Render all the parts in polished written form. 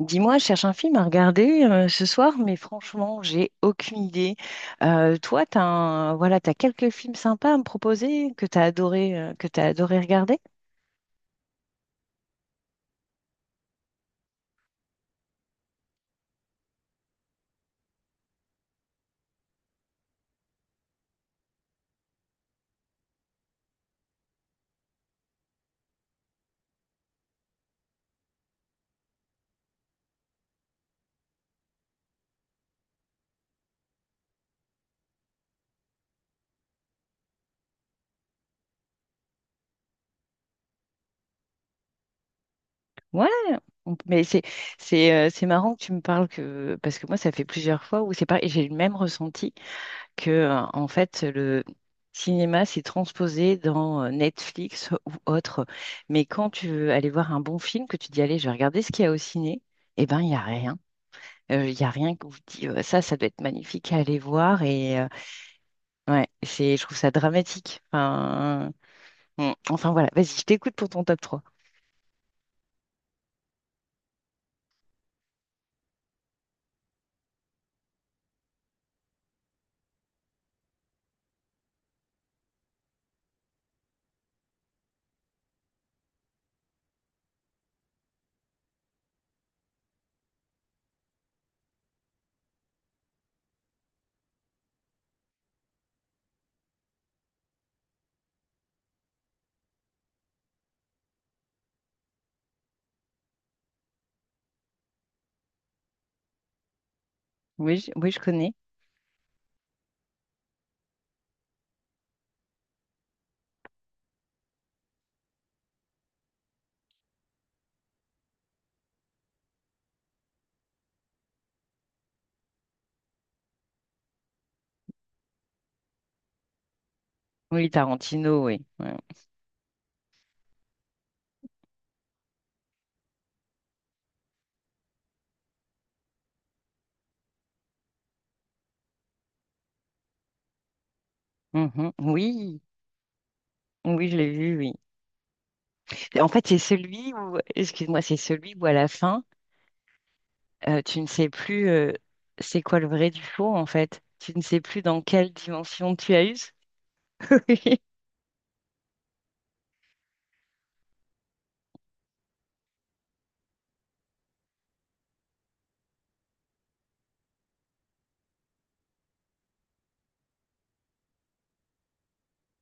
Dis-moi, je cherche un film à regarder ce soir, mais franchement, j'ai aucune idée. Toi, voilà, t'as quelques films sympas à me proposer que t'as adoré regarder? Ouais, on- mais c'est c'est marrant que tu me parles que parce que moi, ça fait plusieurs fois où c'est pareil, j'ai le même ressenti que en fait le cinéma s'est transposé dans Netflix ou autre. Mais quand tu veux aller voir un bon film, que tu dis allez, je vais regarder ce qu'il y a au ciné, eh ben il y a rien. Il y a rien que vous dites dis, Ça doit être magnifique à aller voir» et ouais, c'est, je trouve ça dramatique. Enfin, mmh, enfin voilà, vas-y, je t'écoute pour ton top trois. Oui, je connais. Oui, Tarantino, oui. Ouais. Mmh. Oui, oui, je l'ai vu, oui. En fait, c'est celui où excuse-moi, c'est celui où à la fin, tu ne sais plus, c'est quoi le vrai du faux, en fait. Tu ne sais plus dans quelle dimension tu as eu oui.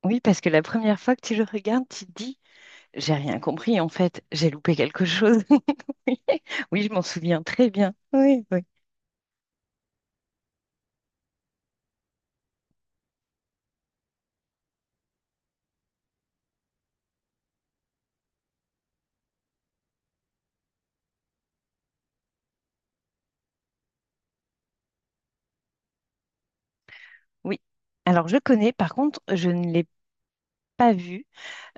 Oui, parce que la première fois que tu le regardes, tu te dis: j'ai rien compris en fait, j'ai loupé quelque chose. Oui, oui, je m'en souviens très bien. Oui, oui, oui. Alors je connais, par contre, je ne l'ai pas vu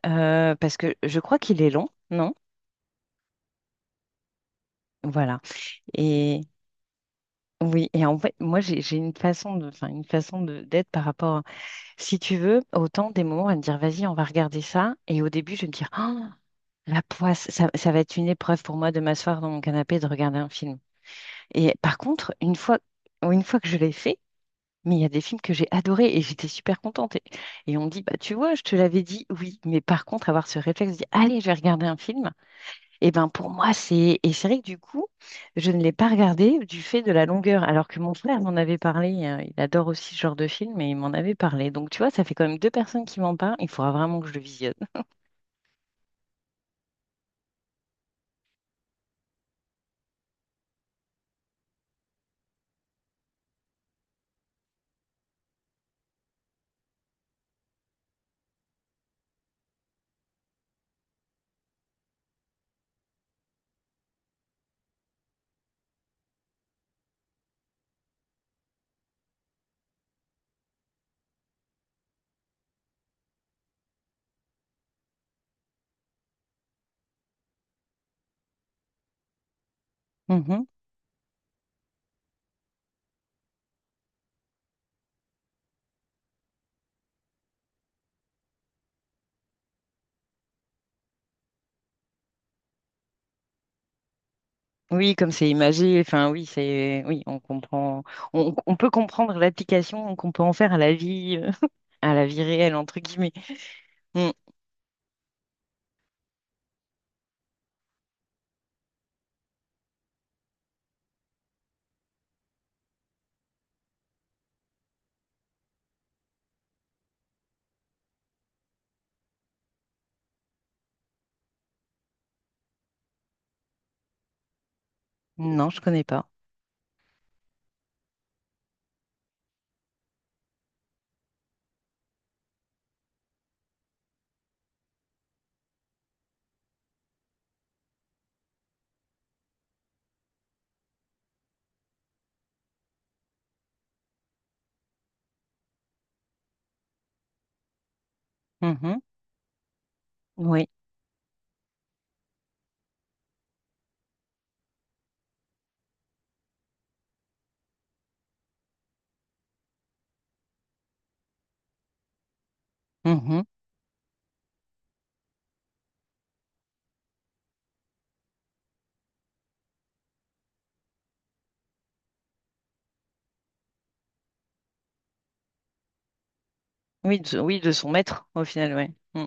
parce que je crois qu'il est long, non? Voilà. Et oui, et en fait, moi j'ai une façon de, enfin une façon de d'être par rapport, à- si tu veux, autant des moments à me dire vas-y, on va regarder ça. Et au début, je vais me dire ah, la poisse, ça va être une épreuve pour moi de m'asseoir dans mon canapé et de regarder un film. Et par contre, une fois que je l'ai fait, mais il y a des films que j'ai adorés et j'étais super contente. Et on me dit, bah, tu vois, je te l'avais dit, oui. Mais par contre, avoir ce réflexe, de dire, allez, je vais regarder un film, et ben pour moi, c'est. Et c'est vrai que du coup, je ne l'ai pas regardé du fait de la longueur, alors que mon frère m'en avait parlé. Il adore aussi ce genre de film et il m'en avait parlé. Donc, tu vois, ça fait quand même deux personnes qui m'en parlent. Il faudra vraiment que je le visionne. Mhm. Oui, comme c'est imagé, enfin oui, c'est oui, on comprend, on peut comprendre l'application qu'on peut en faire à la vie réelle entre guillemets. Mmh. Non, je connais pas. Mhm. Oui. Mhm. Oui, de son maître, au final, ouais. Mm.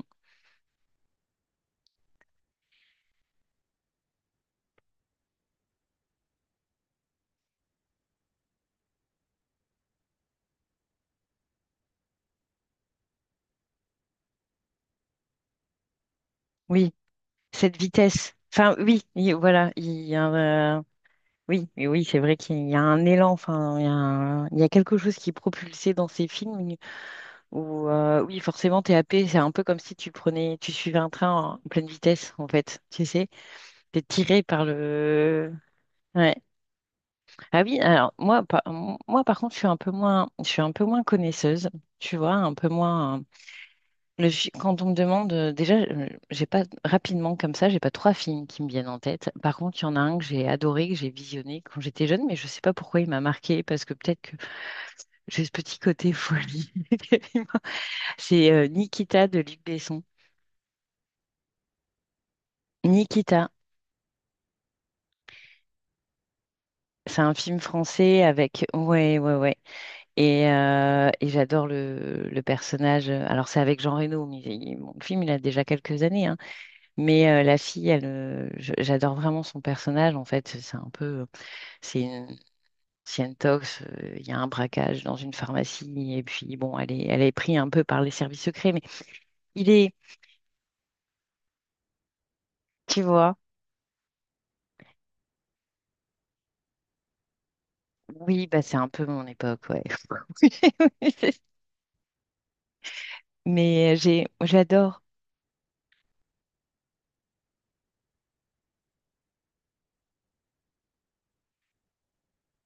Oui, cette vitesse. Enfin, oui, voilà, il y a un, oui, mais oui, c'est vrai qu'il y a un élan, enfin, il y a quelque chose qui est propulsé dans ces films où, oui, forcément, t'es happé, c'est un peu comme si tu prenais, tu suivais un train en pleine vitesse, en fait, tu sais, t'es tiré par le... Ouais. Ah oui, alors, moi, par contre, je suis un peu moins, je suis un peu moins connaisseuse, tu vois, un peu moins... Quand on me demande, j'ai pas rapidement comme ça, j'ai pas trois films qui me viennent en tête. Par contre, il y en a un que j'ai adoré, que j'ai visionné quand j'étais jeune, mais je sais pas pourquoi il m'a marqué, parce que peut-être que j'ai ce petit côté folie. C'est Nikita de Luc Besson. Nikita, c'est un film français avec, ouais, ouais, ouais, et j'adore le personnage. Alors c'est avec Jean Reno, mais bon, le film il a déjà quelques années, hein. Mais la fille, elle, j'adore vraiment son personnage. En fait, c'est un peu c'est une, c'est une tox, il y a un braquage dans une pharmacie, et puis bon, elle est prise un peu par les services secrets, mais il est, tu vois, oui, bah c'est un peu mon époque, ouais. Mais j'adore.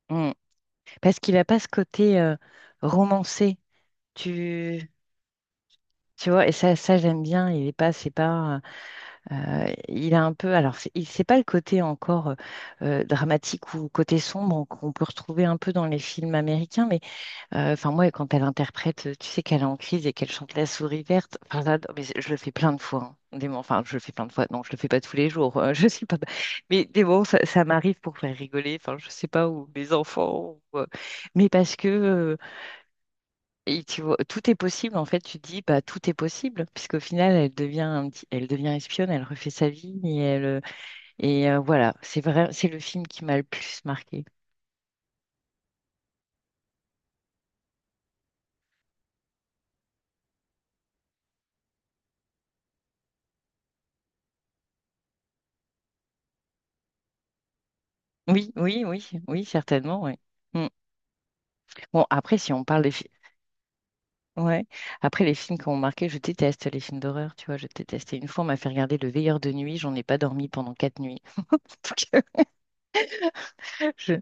Mm. Parce qu'il n'a pas ce côté romancé, tu, tu vois, et ça j'aime bien, il est pas, c'est pas, il a un peu, alors c'est pas le côté encore dramatique ou côté sombre qu'on peut retrouver un peu dans les films américains, mais enfin, moi, quand elle interprète, tu sais qu'elle est en crise et qu'elle chante La souris verte. Enfin, là, mais je le fais plein de fois, hein. Des moments- enfin, je le fais plein de fois. Non, je le fais pas tous les jours. Je suis pas. Mais des moments, ça m'arrive pour faire rigoler. Enfin, je sais pas où mes enfants. ou, euh, Mais parce que et tu vois, tout est possible. En fait, tu te dis, bah, tout est possible, puisqu'au final, elle devient un elle devient espionne. Elle refait sa vie et elle voilà. C'est vrai. C'est le film qui m'a le plus marqué. Oui, oui, oui, oui, certainement, oui. Mm. Bon, après, si on parle des films. Ouais. Après, les films qui ont marqué, je déteste les films d'horreur, tu vois, je déteste. Et une fois, on m'a fait regarder Le Veilleur de nuit, j'en ai pas dormi pendant quatre nuits. Donc, je-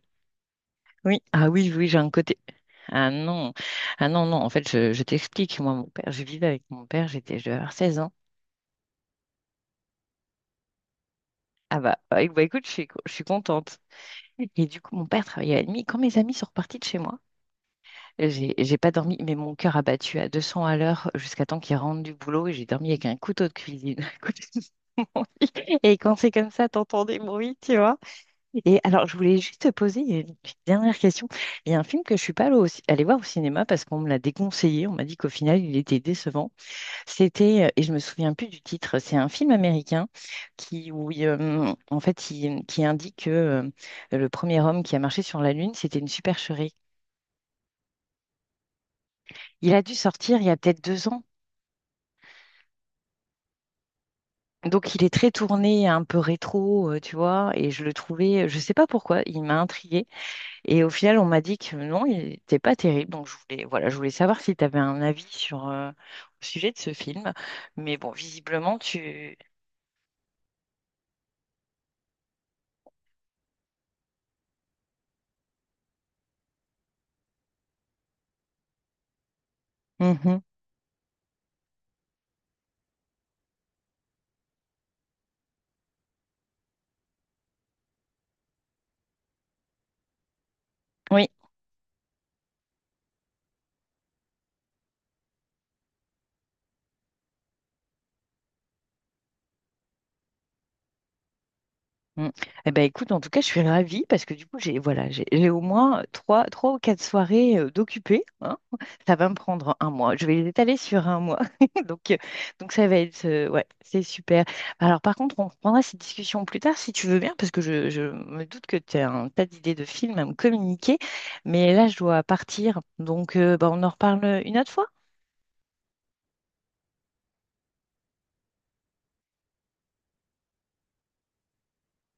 oui, ah oui, oui, j'ai un côté. Ah non, ah non, non, en fait, je t'explique, moi, mon père, je vivais avec mon père, j'étais, je devais avoir 16 ans. Ah bah, bah, bah, écoute, je suis, je suis contente. Et du coup, mon père travaillait la nuit. Quand mes amis sont repartis de chez moi, j'ai pas dormi, mais mon cœur a battu à 200 à l'heure jusqu'à temps qu'ils rentrent du boulot et j'ai dormi avec un couteau de cuisine à côté. Et quand c'est comme ça, t'entends des bruits, tu vois. Et alors, je voulais juste te poser une petite dernière question. Il y a un film que je suis pas allée, allée voir au cinéma parce qu'on me l'a déconseillé. On m'a dit qu'au final, il était décevant. Et je me souviens plus du titre, c'est un film américain qui, où il qui indique que le premier homme qui a marché sur la Lune, c'était une supercherie. Il a dû sortir il y a peut-être deux ans. Donc il est très tourné, un peu rétro, tu vois, et je le trouvais, je sais pas pourquoi, il m'a intriguée. Et au final, on m'a dit que non, il n'était pas terrible. Donc, je voulais, voilà, je voulais savoir si tu avais un avis sur, au sujet de ce film. Mais bon, visiblement, tu... Mhm. Oui. Mm. Eh ben écoute, en tout cas, je suis ravie parce que du coup, j'ai voilà, j'ai au moins trois, trois ou quatre soirées d'occupées, hein. Ça va me prendre un mois. Je vais les étaler sur un mois. Donc, euh, donc ça va être ouais, c'est super. Alors par contre, on reprendra cette discussion plus tard si tu veux bien, parce que je me doute que tu as un tas d'idées de films à me communiquer. Mais là, je dois partir. Donc bah, on en reparle une autre fois.